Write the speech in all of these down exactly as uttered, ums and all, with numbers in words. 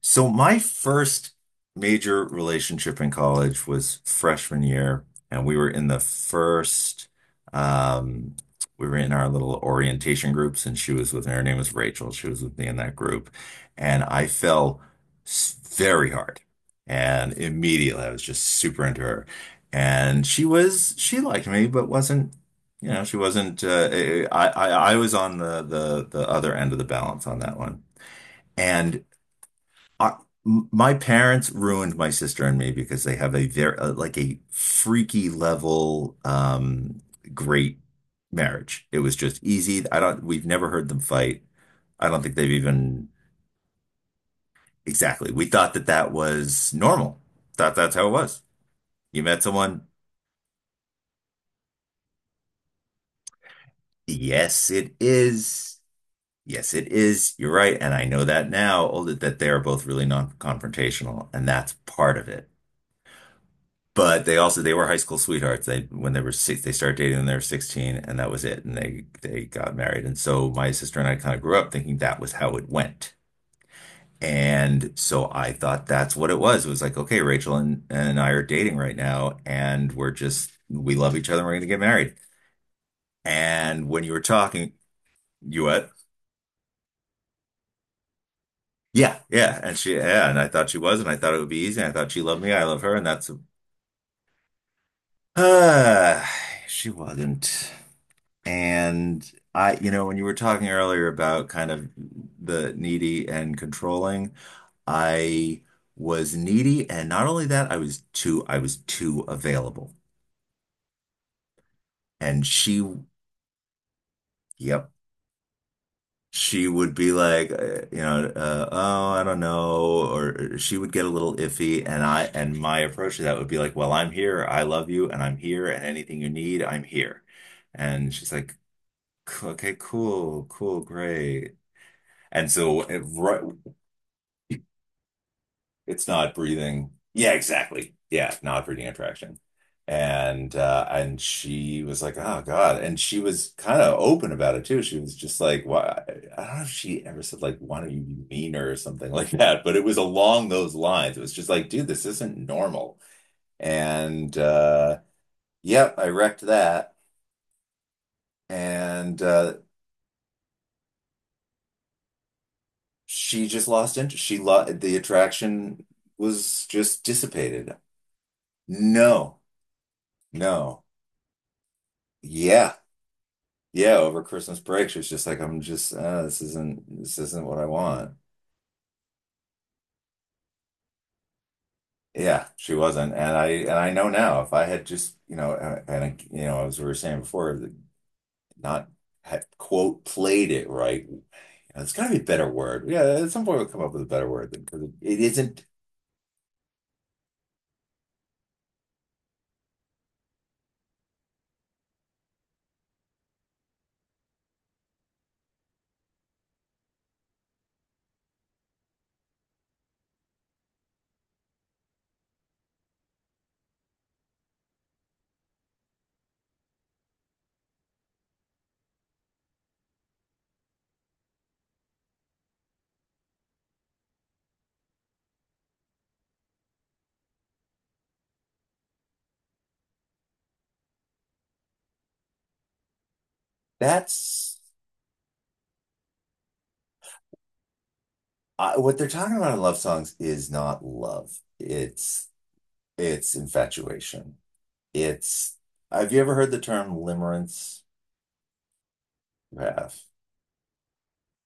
So my first major relationship in college was freshman year, and we were in the first um we were in our little orientation groups, and she was with her name was Rachel. She was with me in that group, and I fell s- very hard. And immediately I was just super into her. And she was she liked me, but wasn't, you know, she wasn't, uh, I, I I was on the the the other end of the balance on that one. And I, m- my parents ruined my sister and me because they have a very uh, like a freaky level um great marriage. It was just easy. I don't, we've never heard them fight. I don't think they've even. Exactly. We thought that that was normal. Thought that's how it was. You met someone. Yes, it is. Yes, it is. You're right. And I know that now, oh, that that they're both really non-confrontational, and that's part of it. But they also they were high school sweethearts. They When they were six, they started dating when they were sixteen, and that was it. And they they got married. And so my sister and I kind of grew up thinking that was how it went. And so I thought that's what it was. It was like, okay, Rachel and, and I are dating right now, and we're just we love each other and we're gonna get married. And when you were talking, you what? Yeah, yeah. And she, yeah, and I thought she was, and I thought it would be easy, and I thought she loved me, I love her, and that's uh she wasn't. And I, you know, when you were talking earlier about kind of the needy and controlling, I was needy, and not only that, I was too, I was too available. And she, yep, she would be like, uh, you know, uh, oh, I don't know, or she would get a little iffy, and I, and my approach to that would be like, well, I'm here, I love you, and I'm here, and anything you need, I'm here. And she's like, "C- Okay, cool, cool, great." And so, it, right. It's not breathing. Yeah, exactly. Yeah, not breathing attraction. And uh and she was like, "Oh God." And she was kind of open about it too. She was just like, "Why?" I don't know if she ever said like, "Why don't you be meaner?" or something like that, but it was along those lines. It was just like, "Dude, this isn't normal." And uh yep, I wrecked that. And uh she just lost interest. She lost the attraction, was just dissipated. No. No. Yeah, yeah, over Christmas break, she was just like, I'm just, uh, this isn't this isn't what I want. Yeah, she wasn't, and I and I know now if I had just, you know uh, and I, you know, as we were saying before, the- not had quote played it right. You know, it's got to be a better word. Yeah, at some point we'll come up with a better word because it, it isn't. That's I, what they're talking about in love songs is not love. It's it's infatuation. It's Have you ever heard the term limerence? You have.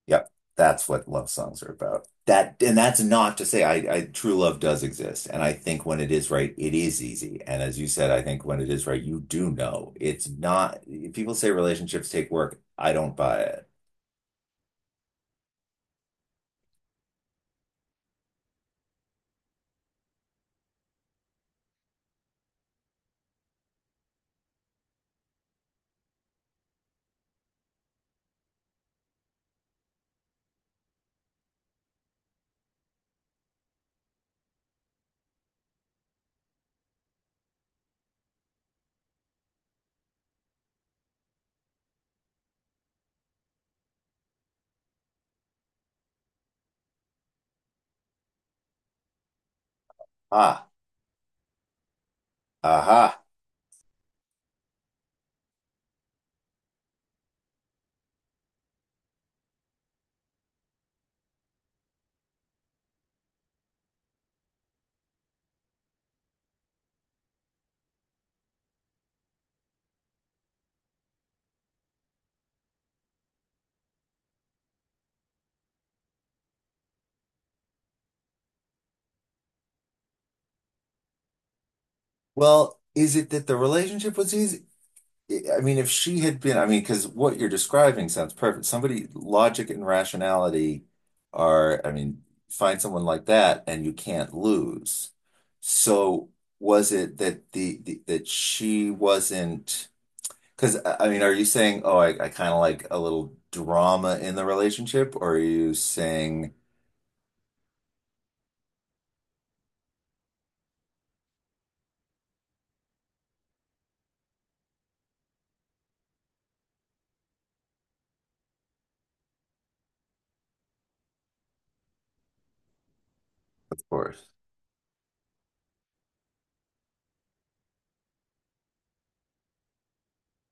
Yep, that's what love songs are about. That, and that's not to say I, I true love does exist, and I think when it is right, it is easy. And as you said, I think when it is right, you do know it's not. People say relationships take work. I don't buy it. Ah, aha. Well, is it that the relationship was easy? I mean, if she had been, I mean, because what you're describing sounds perfect. Somebody, logic and rationality are, I mean, find someone like that and you can't lose. So was it that the, the that she wasn't, because I I mean, are you saying, oh, I, I kind of like a little drama in the relationship, or are you saying, of course.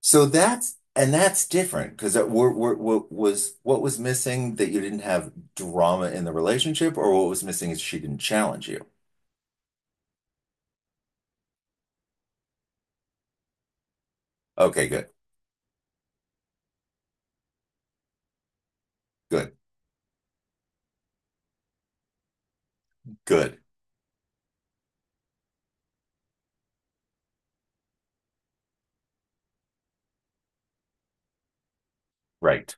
So that's, and that's different because we're, we're, what was what was missing that you didn't have drama in the relationship, or what was missing is she didn't challenge you. Okay, good, good, good. Right.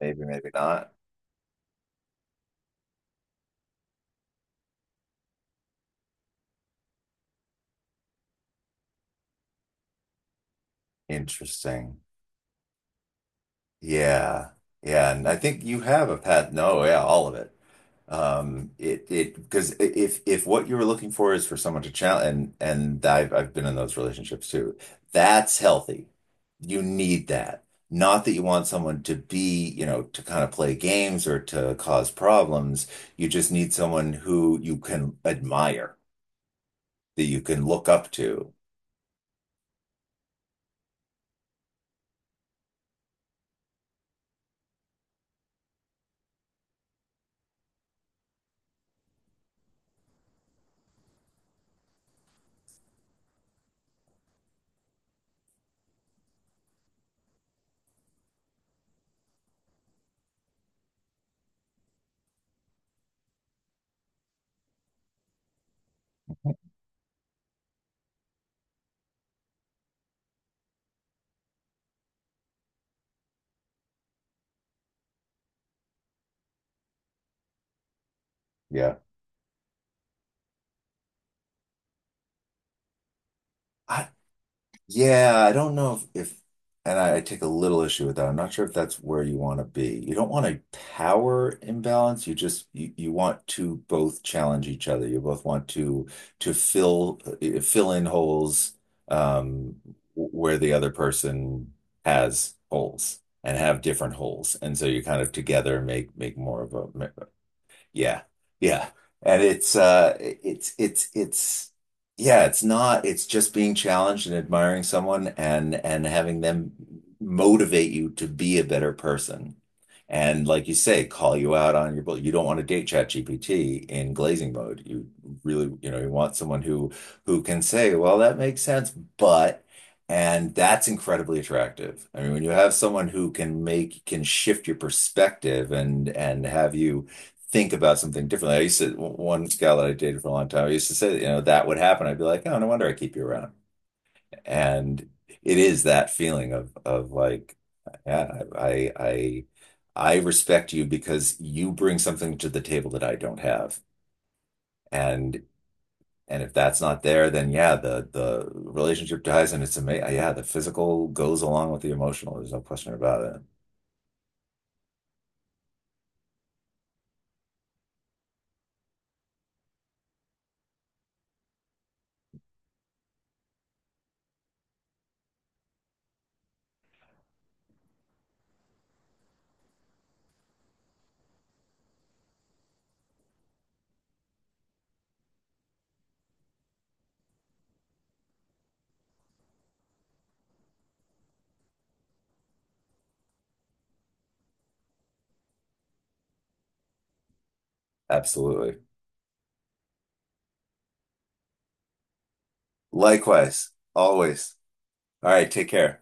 Maybe, maybe not. Interesting. Yeah. Yeah. And I think you have a path. No, yeah, all of it. Um, it, it, because if, if what you were looking for is for someone to challenge, and, and I've, I've been in those relationships too, that's healthy. You need that. Not that you want someone to be, you know, to kind of play games or to cause problems. You just need someone who you can admire, that you can look up to. Yeah. I, Yeah, I don't know if, if and I, I take a little issue with that. I'm not sure if that's where you want to be. You don't want a power imbalance. You just, you, you want to both challenge each other. You both want to to fill uh, fill in holes, um, where the other person has holes and have different holes. And so you kind of together make make more of a, yeah. Yeah. And it's uh it's it's it's yeah, it's not, it's just being challenged and admiring someone and and having them motivate you to be a better person. And like you say, call you out on your bull. You don't want to date chat G P T in glazing mode. You really, you know, you want someone who who can say, well, that makes sense, but, and that's incredibly attractive. I mean, when you have someone who can make can shift your perspective and and have you think about something differently. I used to, one gal that I dated for a long time, I used to say, that, you know, that would happen. I'd be like, oh, no wonder I keep you around. And it is that feeling of, of like, yeah, I, I, I respect you because you bring something to the table that I don't have. And, and if that's not there, then yeah, the, the relationship dies and it's amazing. Yeah, the physical goes along with the emotional. There's no question about it. Absolutely. Likewise, always. All right, take care.